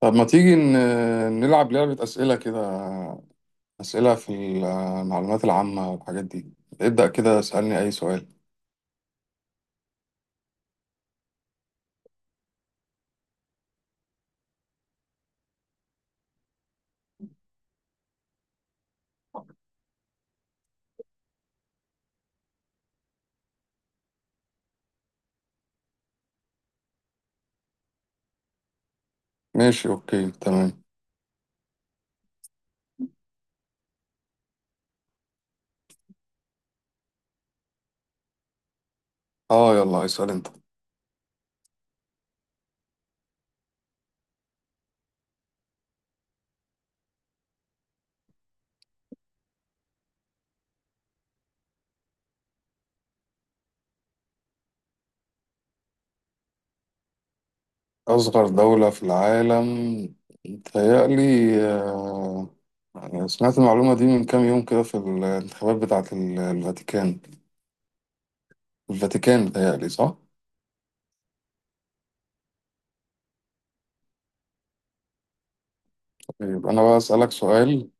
طب ما تيجي نلعب لعبة أسئلة كده، أسئلة في المعلومات العامة والحاجات دي. ابدأ كده، اسألني أي سؤال. ماشي، أوكي، تمام. يلا اسأل أنت. أصغر دولة في العالم، متهيألي آه، سمعت المعلومة دي من كام يوم كده في الانتخابات بتاعة الفاتيكان. الفاتيكان، متهيألي صح؟ يبقى أنا بقى أسألك سؤال.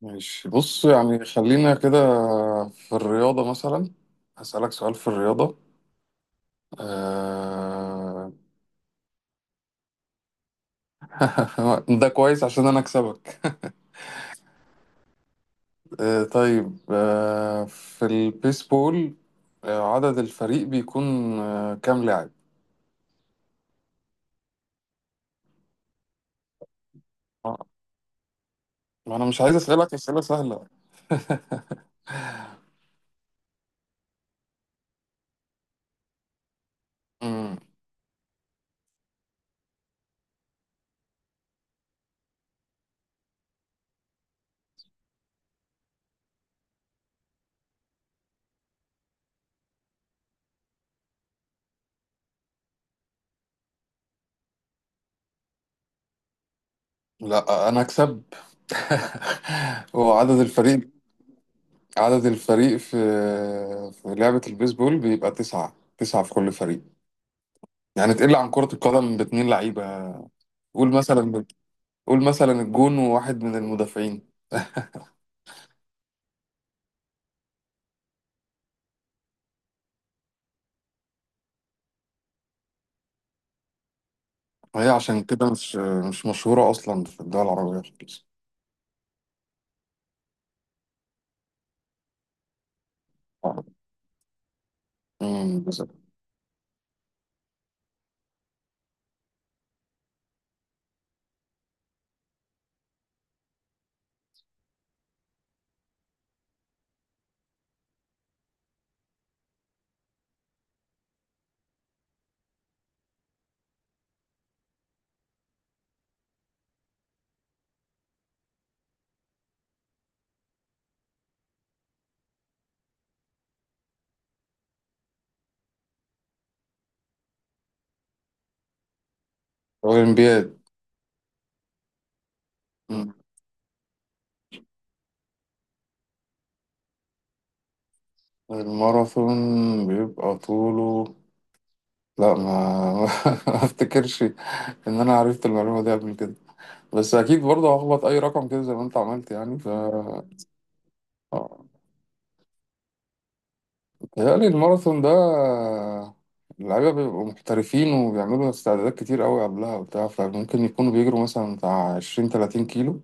ماشي، بص يعني خلينا كده في الرياضة مثلا. هسألك سؤال في الرياضة. آه... ده كويس عشان انا اكسبك. طيب، في البيسبول، عدد الفريق بيكون كام لاعب؟ آه، ما انا مش عايز اسالك اسئله سهله. مم. لا انا اكسب. هو عدد الفريق، عدد الفريق في في لعبة البيسبول بيبقى تسعة. تسعة في كل فريق، يعني تقل عن كرة القدم باتنين لعيبة. قول مثلا، قول مثلا الجون وواحد من المدافعين. هي عشان كده مش مش مشهورة أصلا في الدول العربية خالص. بالظبط. أولمبياد. أمم، الماراثون بيبقى طوله، لا ما ما افتكرش ان انا عرفت المعلومه دي قبل كده، بس اكيد برضه هخبط اي رقم كده زي ما انت عملت يعني. آه. بيتهيألي الماراثون ده اللعيبه بيبقوا محترفين وبيعملوا استعدادات كتير قوي قبلها وبتاع، فممكن يكونوا بيجروا مثلا بتاع 20 30 كيلو.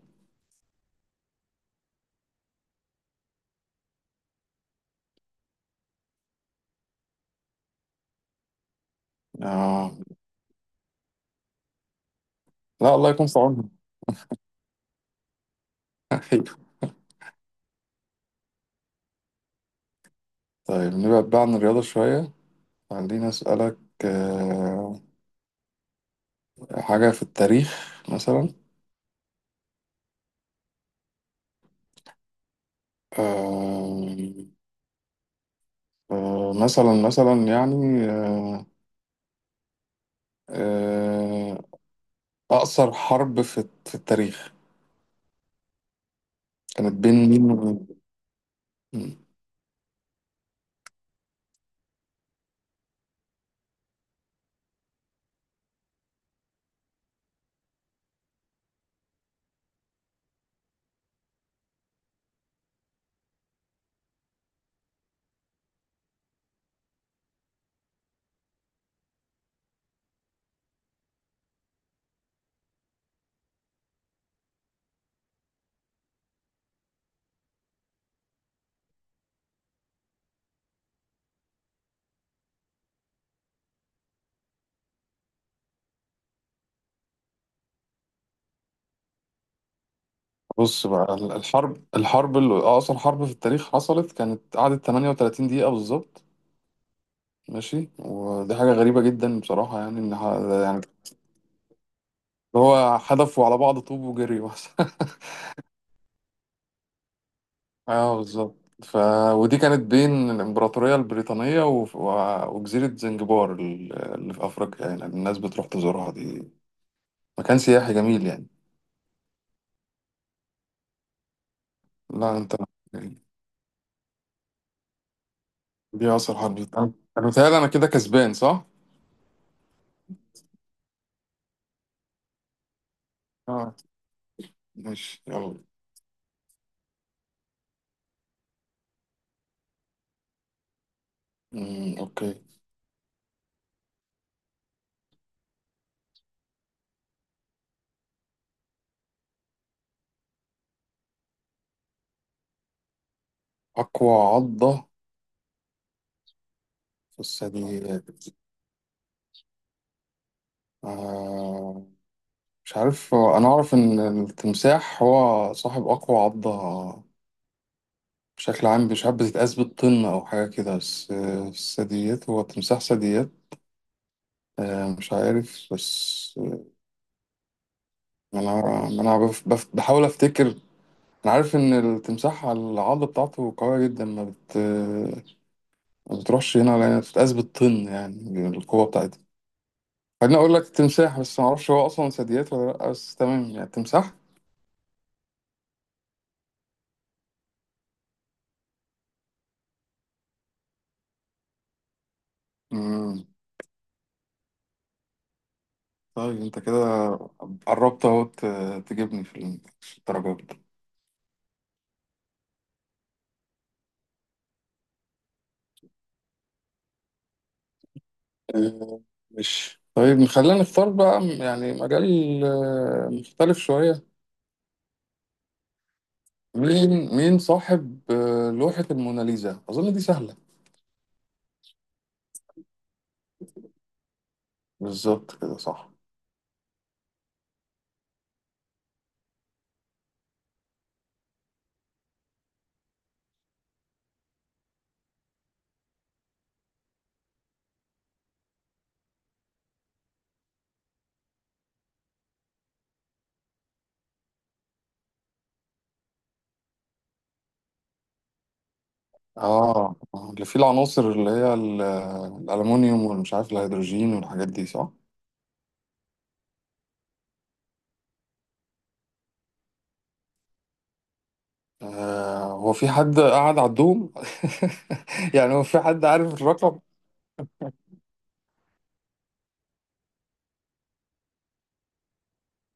آه. لا الله يكون في عونهم. طيب، نبعد بقى عن الرياضة شوية. خليني أسألك آه، حاجة في التاريخ مثلا. آه، مثلا مثلا آه، أقصر حرب في في التاريخ كانت بين مين ومين؟ مم. بص بقى الحرب، الحرب اللي أقصر حرب في التاريخ حصلت، كانت قعدت 38 دقيقة بالظبط. ماشي، ودي حاجة غريبة جدا بصراحة، يعني إن يعني هو حدفوا على بعض طوب وجري بس. اه بالظبط. ف... ودي كانت بين الإمبراطورية البريطانية وجزيرة زنجبار اللي في أفريقيا، يعني الناس بتروح تزورها دي، مكان سياحي جميل يعني. لا أنت، دي أصل حرب. أنا متهيألي أنا كده كسبان صح؟ اه، ماشي، يلا. أوكي. أقوى عضة في الثدييات. آه... مش عارف، أنا أعرف إن التمساح هو صاحب أقوى عضة بشكل عام، مش عارف بتتقاس بالطن أو حاجة كده، بس الثدييات، هو تمساح ثدييات؟ مش عارف، بس أنا ما أنا بحاول أفتكر. أنا عارف إن التمساح العضة بتاعته قوية جدا، ما بت آه، ما بتروحش هنا ولا هنا، بتتقاس بالطن يعني القوة بتاعتها. خليني أقول لك التمساح، بس ما أعرفش هو أصلا ثدييات ولا لأ، بس تمام يعني التمساح. مم. طيب أنت كده قربت أهو تجيبني في الدرجات. آه، مش، طيب خلينا نختار بقى يعني مجال مختلف شوية. مين، مين صاحب لوحة الموناليزا؟ أظن دي سهلة. بالظبط كده، صح. اه، اللي فيه العناصر اللي هي الألمونيوم والمش عارف الهيدروجين والحاجات دي صح؟ هو في حد قاعد على الدوم؟ يعني هو في حد عارف الرقم؟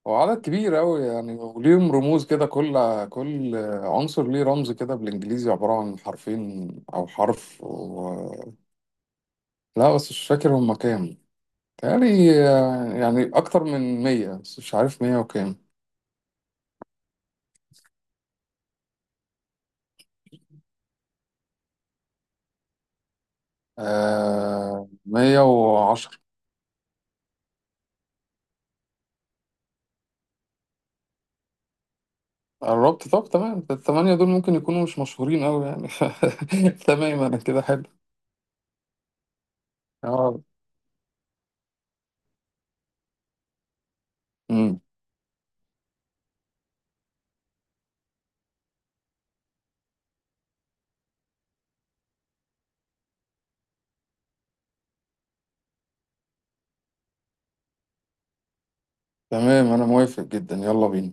هو عدد كبير أوي يعني، وليهم رموز كده، كل كل عنصر ليه رمز كده بالإنجليزي عبارة عن حرفين أو حرف لا بس مش فاكر هما كام. تهيألي يعني أكتر من 100، بس مش عارف 100 وكام. آه، 110. قربت، طب تمام، الثمانية دول ممكن يكونوا مش مشهورين أوي يعني. تمام، أنا كده حلو. اه. أمم، تمام أنا موافق جدا، يلا بينا.